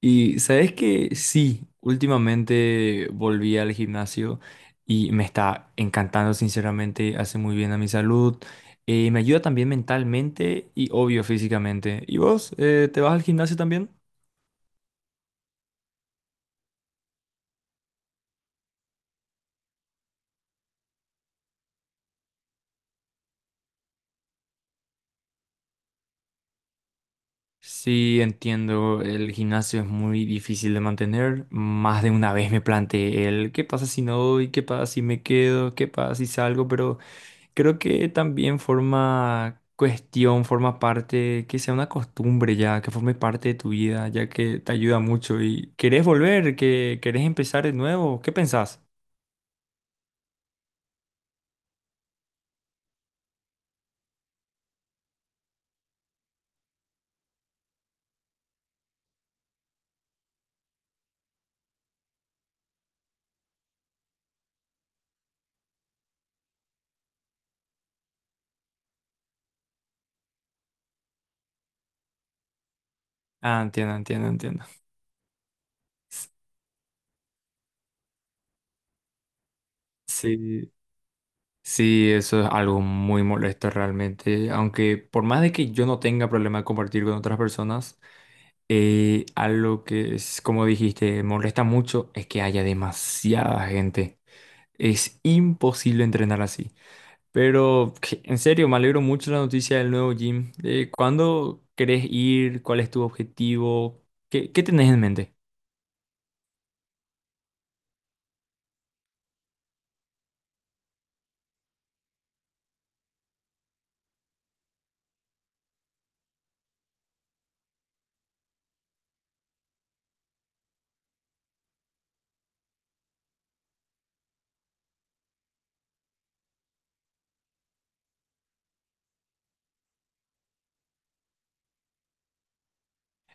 Y sabes que sí, últimamente volví al gimnasio y me está encantando, sinceramente, hace muy bien a mi salud, me ayuda también mentalmente y obvio físicamente. ¿Y vos, te vas al gimnasio también? Sí, entiendo, el gimnasio es muy difícil de mantener. Más de una vez me planteé el qué pasa si no voy, qué pasa si me quedo, qué pasa si salgo, pero. Creo que también forma parte, que sea una costumbre ya, que forme parte de tu vida, ya que te ayuda mucho y querés volver, que querés empezar de nuevo, ¿qué pensás? Ah, entiendo, entiendo, entiendo. Sí, sí, eso es algo muy molesto realmente, aunque por más de que yo no tenga problema de compartir con otras personas, algo que es, como dijiste, molesta mucho es que haya demasiada gente. Es imposible entrenar así. Pero en serio, me alegro mucho de la noticia del nuevo gym. ¿Cuándo querés ir? ¿Cuál es tu objetivo? ¿Qué tenés en mente?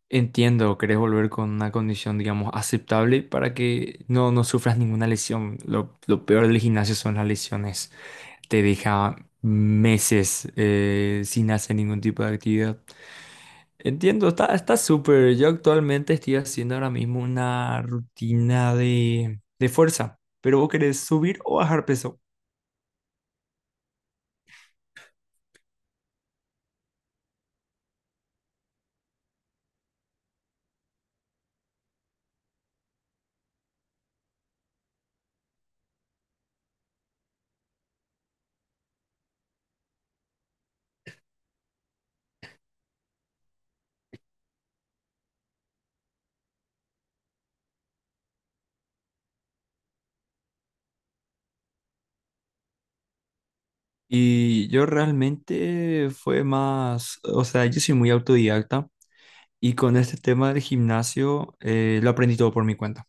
Entiendo, querés volver con una condición, digamos, aceptable para que no sufras ninguna lesión. Lo peor del gimnasio son las lesiones. Te deja meses sin hacer ningún tipo de actividad. Entiendo, está súper. Yo actualmente estoy haciendo ahora mismo una rutina de fuerza. Pero vos querés subir o bajar peso. Y yo realmente fue más, o sea, yo soy muy autodidacta y con este tema del gimnasio lo aprendí todo por mi cuenta.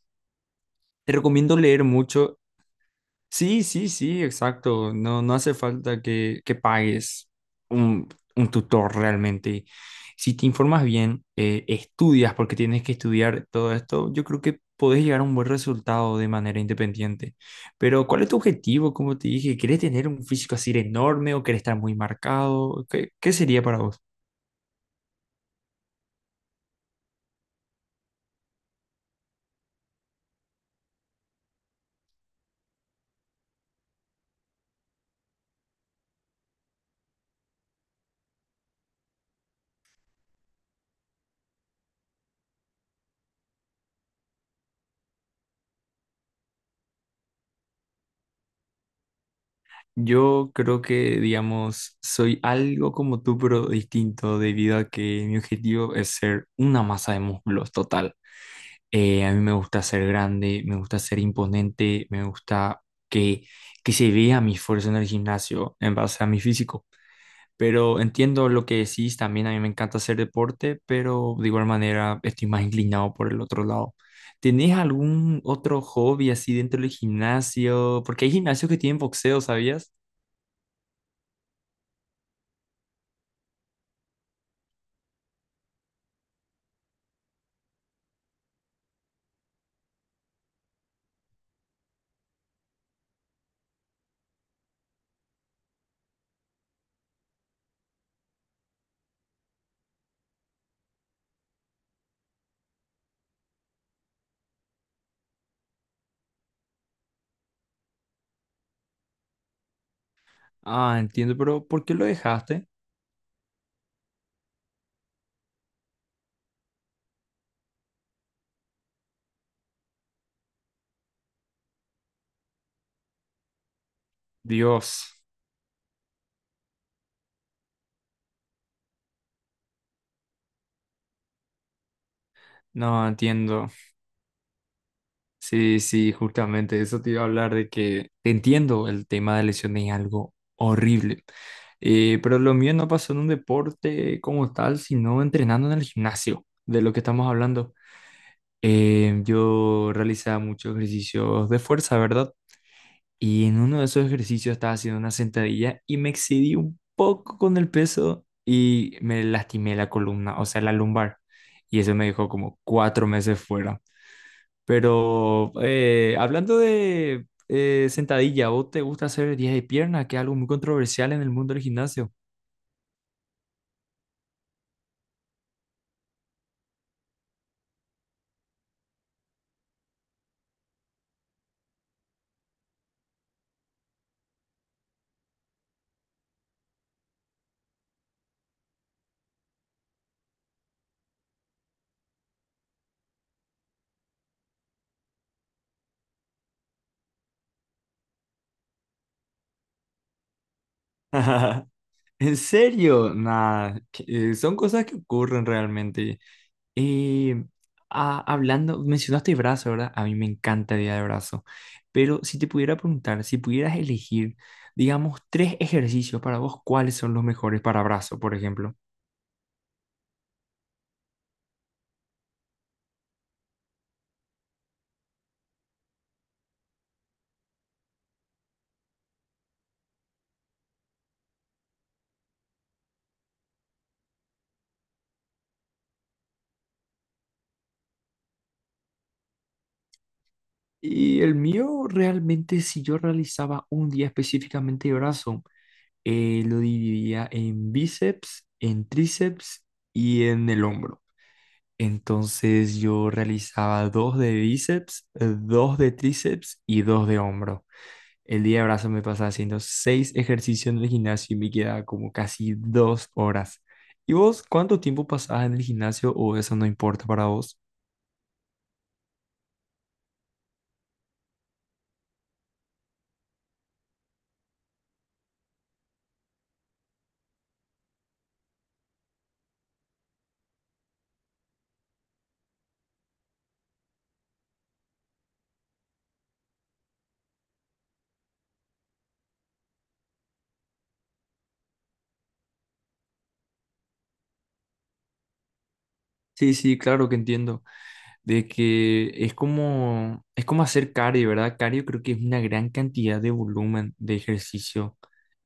Te recomiendo leer mucho. Sí, sí, sí, exacto. No, no hace falta que pagues un, un tutor realmente. Si te informas bien, estudias porque tienes que estudiar todo esto, yo creo que podés llegar a un buen resultado de manera independiente. Pero, ¿cuál es tu objetivo? Como te dije, ¿quieres tener un físico así de enorme o quieres estar muy marcado? ¿Qué sería para vos? Yo creo que, digamos, soy algo como tú, pero distinto, debido a que mi objetivo es ser una masa de músculos total. A mí me gusta ser grande, me gusta ser imponente, me gusta que, que se vea mi esfuerzo en el gimnasio en base a mi físico. Pero entiendo lo que decís, también a mí me encanta hacer deporte, pero de igual manera estoy más inclinado por el otro lado. ¿Tenés algún otro hobby así dentro del gimnasio? Porque hay gimnasios que tienen boxeo, ¿sabías? Ah, entiendo, pero ¿por qué lo dejaste? Dios, no entiendo. Sí, sí, justamente eso te iba a hablar de que te entiendo, el tema de lesiones es algo horrible. Pero lo mío no pasó en un deporte como tal, sino entrenando en el gimnasio, de lo que estamos hablando. Yo realizaba muchos ejercicios de fuerza, ¿verdad? Y en uno de esos ejercicios estaba haciendo una sentadilla y me excedí un poco con el peso y me lastimé la columna, o sea, la lumbar. Y eso me dejó como 4 meses fuera. Pero hablando de sentadilla, ¿vos te gusta hacer días de pierna, que es algo muy controversial en el mundo del gimnasio? ¿En serio? Nah, son cosas que ocurren realmente. Y mencionaste brazo, ¿verdad? A mí me encanta el día de brazo. Pero si te pudiera preguntar, si pudieras elegir, digamos, tres ejercicios para vos, ¿cuáles son los mejores para brazo, por ejemplo? Y el mío realmente, si yo realizaba un día específicamente de brazo, lo dividía en bíceps, en tríceps y en el hombro. Entonces yo realizaba dos de bíceps, dos de tríceps y dos de hombro. El día de brazo me pasaba haciendo seis ejercicios en el gimnasio y me quedaba como casi 2 horas. ¿Y vos cuánto tiempo pasabas en el gimnasio o eso no importa para vos? Sí, sí, claro que entiendo. De que es como hacer cardio, ¿verdad? Cardio creo que es una gran cantidad de volumen de ejercicio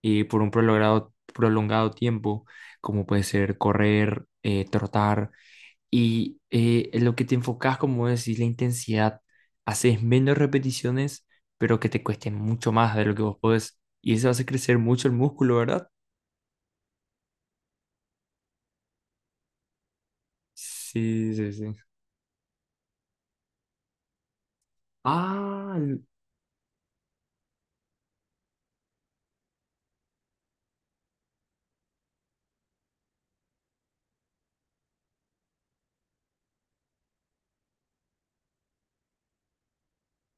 por un prolongado tiempo, como puede ser correr, trotar, y en lo que te enfocas, como decís, la intensidad, haces menos repeticiones, pero que te cuesten mucho más de lo que vos podés, y eso hace crecer mucho el músculo, ¿verdad? Sí, sí, sí. Ah,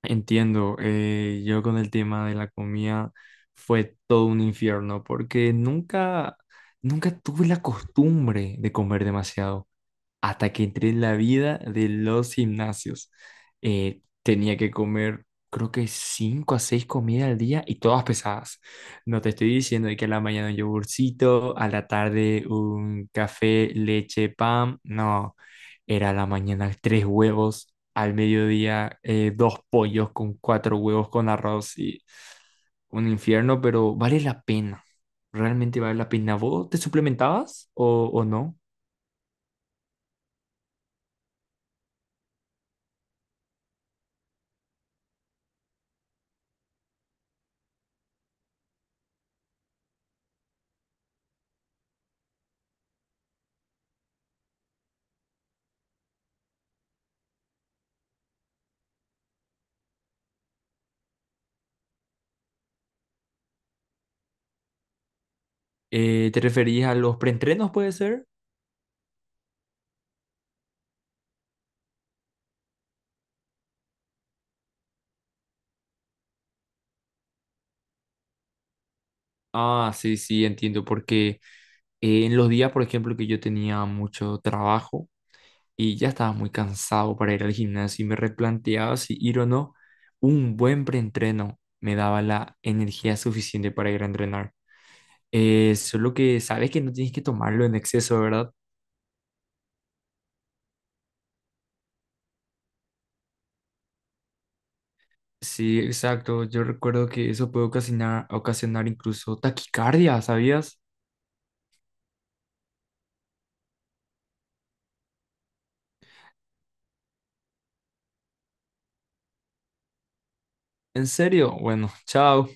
entiendo, yo con el tema de la comida fue todo un infierno porque nunca, nunca tuve la costumbre de comer demasiado hasta que entré en la vida de los gimnasios. Tenía que comer, creo que cinco a seis comidas al día y todas pesadas. No te estoy diciendo de que a la mañana un yogurcito, a la tarde un café, leche, pan. No, era a la mañana tres huevos, al mediodía dos pollos con cuatro huevos con arroz y un infierno, pero vale la pena. Realmente vale la pena. ¿Vos te suplementabas o no? ¿Te referías a los preentrenos, puede ser? Ah, sí, sí, entiendo, porque en los días, por ejemplo, que yo tenía mucho trabajo y ya estaba muy cansado para ir al gimnasio y me replanteaba si ir o no, un buen preentreno me daba la energía suficiente para ir a entrenar. Solo que sabes que no tienes que tomarlo en exceso, ¿verdad? Sí, exacto. Yo recuerdo que eso puede ocasionar incluso taquicardia, ¿sabías? ¿En serio? Bueno, chao.